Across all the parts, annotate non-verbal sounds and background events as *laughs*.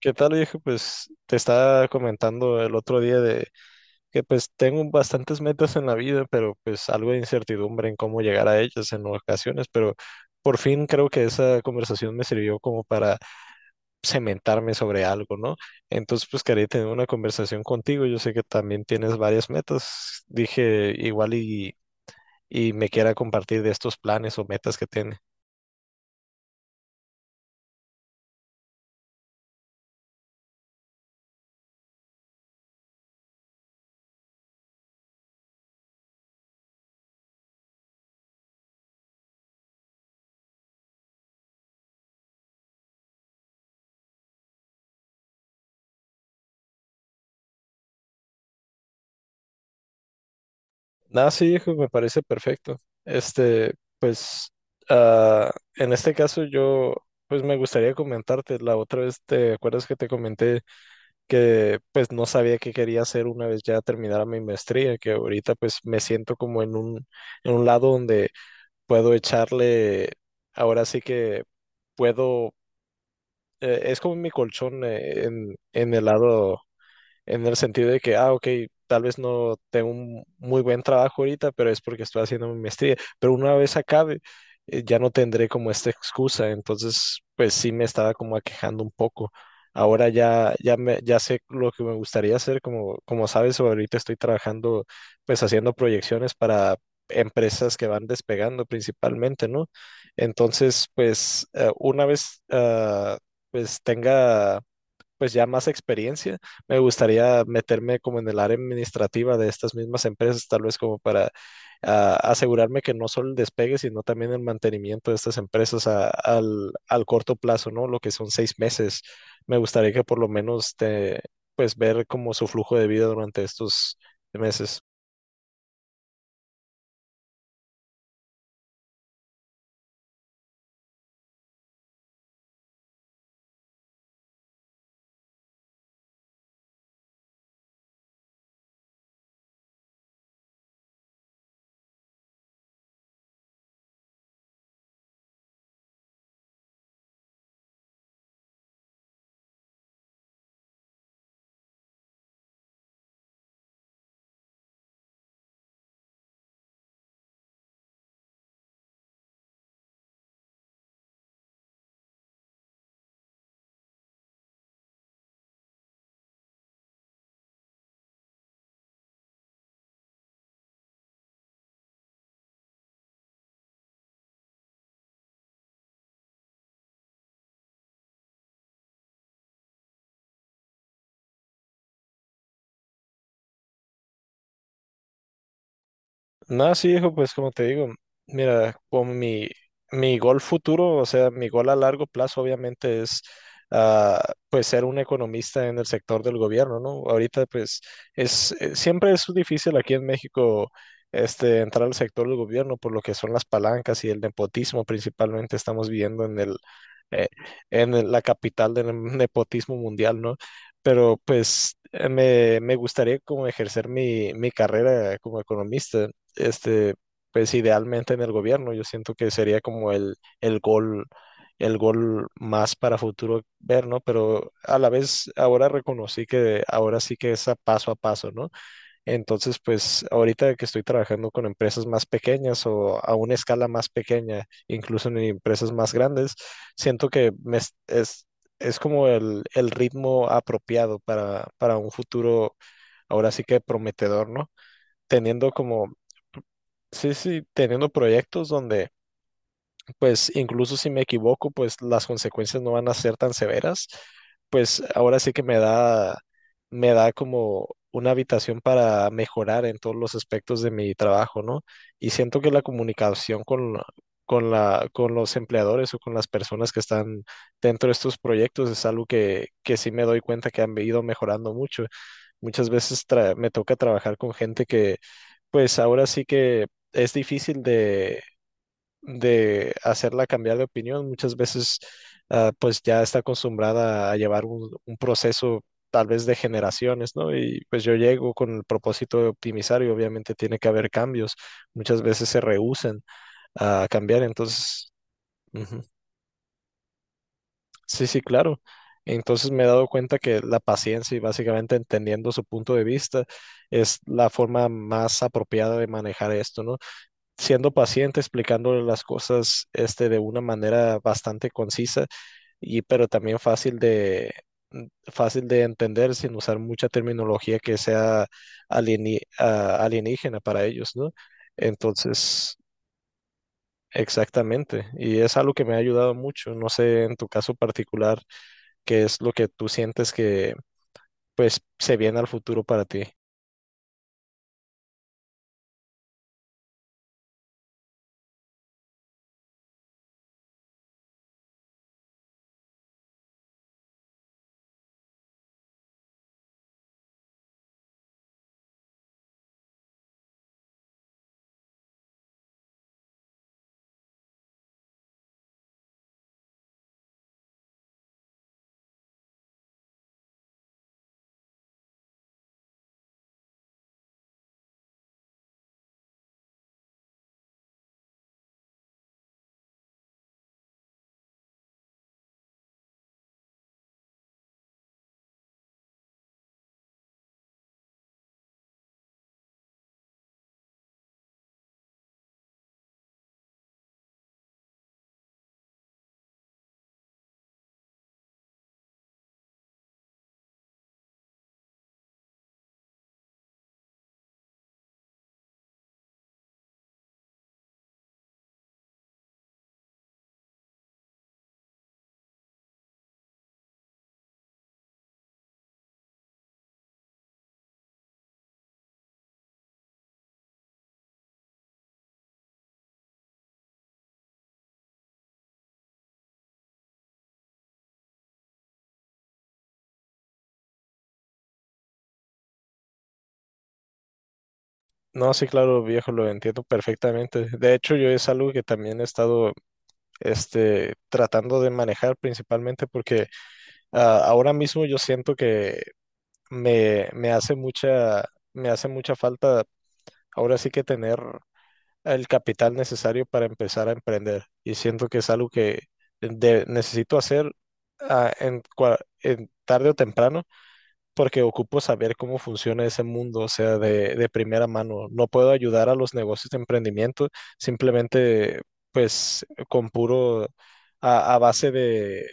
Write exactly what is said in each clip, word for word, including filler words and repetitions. ¿Qué tal, viejo? Pues te estaba comentando el otro día de que pues tengo bastantes metas en la vida, pero pues algo de incertidumbre en cómo llegar a ellas en ocasiones, pero por fin creo que esa conversación me sirvió como para cementarme sobre algo, ¿no? Entonces pues quería tener una conversación contigo, yo sé que también tienes varias metas, dije igual y, y me quiera compartir de estos planes o metas que tienes. Nada, sí, hijo, me parece perfecto. Este, pues, ah, en este caso yo, pues me gustaría comentarte, la otra vez, ¿te acuerdas que te comenté que pues no sabía qué quería hacer una vez ya terminara mi maestría, que ahorita pues me siento como en un, en un lado donde puedo echarle, ahora sí que puedo, eh, es como mi colchón eh, en, en el lado en el sentido de que, ah, ok, tal vez no tengo un muy buen trabajo ahorita, pero es porque estoy haciendo mi maestría, pero una vez acabe, eh, ya no tendré como esta excusa, entonces, pues sí me estaba como aquejando un poco. Ahora ya, ya, me, ya sé lo que me gustaría hacer, como, como sabes, ahorita estoy trabajando, pues haciendo proyecciones para empresas que van despegando principalmente, ¿no? Entonces, pues eh, una vez, ah, pues tenga pues ya más experiencia, me gustaría meterme como en el área administrativa de estas mismas empresas, tal vez como para ah, asegurarme que no solo el despegue, sino también el mantenimiento de estas empresas a- al, al corto plazo, ¿no? Lo que son seis meses. Me gustaría que por lo menos te, pues ver como su flujo de vida durante estos meses. Nada, sí, hijo, pues como te digo, mira, con mi, mi gol futuro, o sea, mi gol a largo plazo obviamente es ah, pues ser un economista en el sector del gobierno, ¿no? Ahorita pues es, eh, siempre es difícil aquí en México este, entrar al sector del gobierno por lo que son las palancas y el nepotismo principalmente estamos viviendo en el, eh, en la capital del *laughs* nepotismo mundial, ¿no? Pero pues eh, me, me gustaría como ejercer mi, mi carrera como economista, este, pues idealmente en el gobierno, yo siento que sería como el, el gol el gol más para futuro ver, ¿no? Pero a la vez ahora reconocí que ahora sí que es a paso a paso, ¿no? Entonces, pues ahorita que estoy trabajando con empresas más pequeñas o a una escala más pequeña, incluso en empresas más grandes, siento que me es, es, es como el, el ritmo apropiado para, para un futuro ahora sí que prometedor, ¿no? Teniendo como, sí, sí, teniendo proyectos donde pues incluso si me equivoco, pues las consecuencias no van a ser tan severas. Pues ahora sí que me da, me da como una habitación para mejorar en todos los aspectos de mi trabajo, ¿no? Y siento que la comunicación con, la- con la, con los empleadores o con las personas que están dentro de estos proyectos es algo que, que sí me doy cuenta que han ido mejorando mucho. Muchas veces tra- me toca trabajar con gente que, pues ahora sí que es difícil de de hacerla cambiar de opinión. Muchas veces, ah, pues ya está acostumbrada a llevar un, un proceso tal vez de generaciones, ¿no? Y pues yo llego con el propósito de optimizar y obviamente tiene que haber cambios. Muchas veces se rehúsan a cambiar, entonces, ujú. Sí, sí, claro. Entonces me he dado cuenta que la paciencia y básicamente entendiendo su punto de vista es la forma más apropiada de manejar esto, ¿no? Siendo paciente, explicándole las cosas este, de una manera bastante concisa y pero también fácil de mm, fácil de entender sin usar mucha terminología que sea alieni- ah, alienígena para ellos, ¿no? Entonces, exactamente. Y es algo que me ha ayudado mucho. No sé en tu caso particular qué es lo que tú sientes que pues se viene al futuro para ti. No, sí, claro, viejo, lo entiendo perfectamente. De hecho, yo es algo que también he estado este, tratando de manejar principalmente porque ah, ahora mismo yo siento que me, me hace mucha, me hace mucha falta ahora sí que tener el capital necesario para empezar a emprender y siento que es algo que de- necesito hacer ah, en, cua- en tarde o temprano porque ocupo saber cómo funciona ese mundo, o sea, de, de primera mano. No puedo ayudar a los negocios de emprendimiento simplemente, pues, con puro, a, a base de,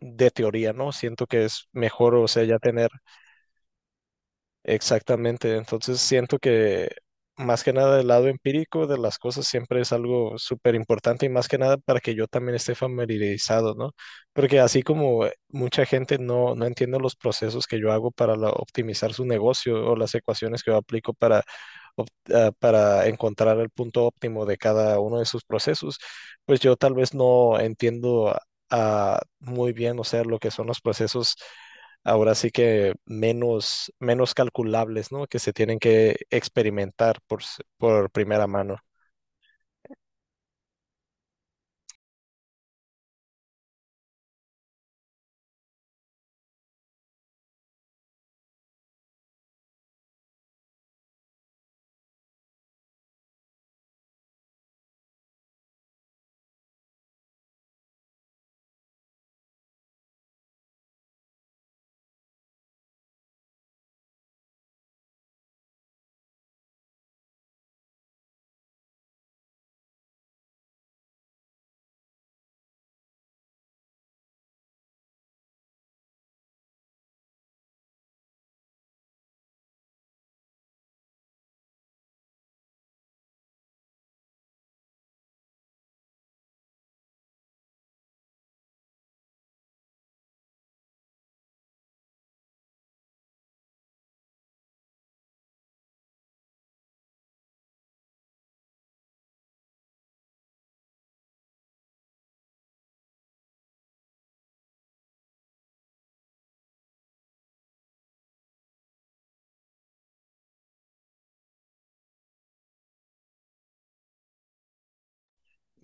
de teoría, ¿no? Siento que es mejor, o sea, ya tener exactamente, entonces siento que más que nada el lado empírico de las cosas siempre es algo súper importante y más que nada para que yo también esté familiarizado, ¿no? Porque así como mucha gente no, no entiende los procesos que yo hago para la- optimizar su negocio o las ecuaciones que yo aplico para op- ah, para encontrar el punto óptimo de cada uno de sus procesos, pues yo tal vez no entiendo ah, muy bien, o sea, lo que son los procesos ahora sí que menos, menos calculables, ¿no? Que se tienen que experimentar por, s- por primera mano.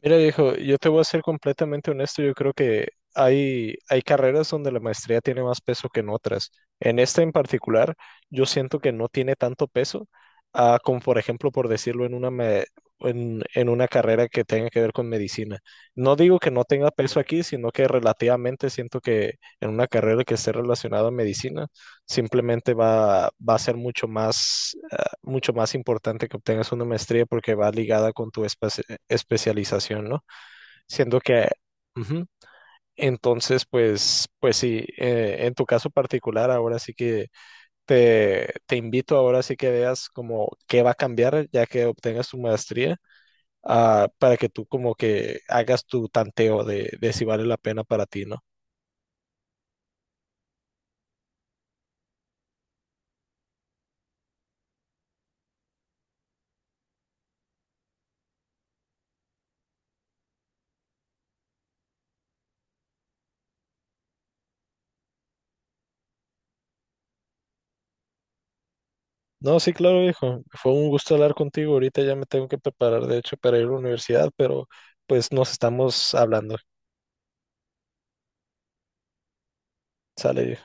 Mira, viejo, yo te voy a ser completamente honesto, yo creo que hay, hay carreras donde la maestría tiene más peso que en otras. En esta en particular, yo siento que no tiene tanto peso, ah, como por ejemplo, por decirlo, en una, me- en en una carrera que tenga que ver con medicina. No digo que no tenga peso aquí, sino que relativamente siento que en una carrera que esté relacionada a medicina, simplemente va, va a ser mucho más, ah, mucho más importante que obtengas una maestría porque va ligada con tu espacio especialización, ¿no? Siendo que, ujú, entonces, pues, pues sí, eh, en tu caso particular, ahora sí que te, te invito, ahora sí que veas como qué va a cambiar ya que obtengas tu maestría, ah, para que tú como que hagas tu tanteo de, de si vale la pena para ti, ¿no? No, sí, claro, viejo. Fue un gusto hablar contigo. Ahorita ya me tengo que preparar, de hecho, para ir a la universidad, pero pues nos estamos hablando. Sale, viejo.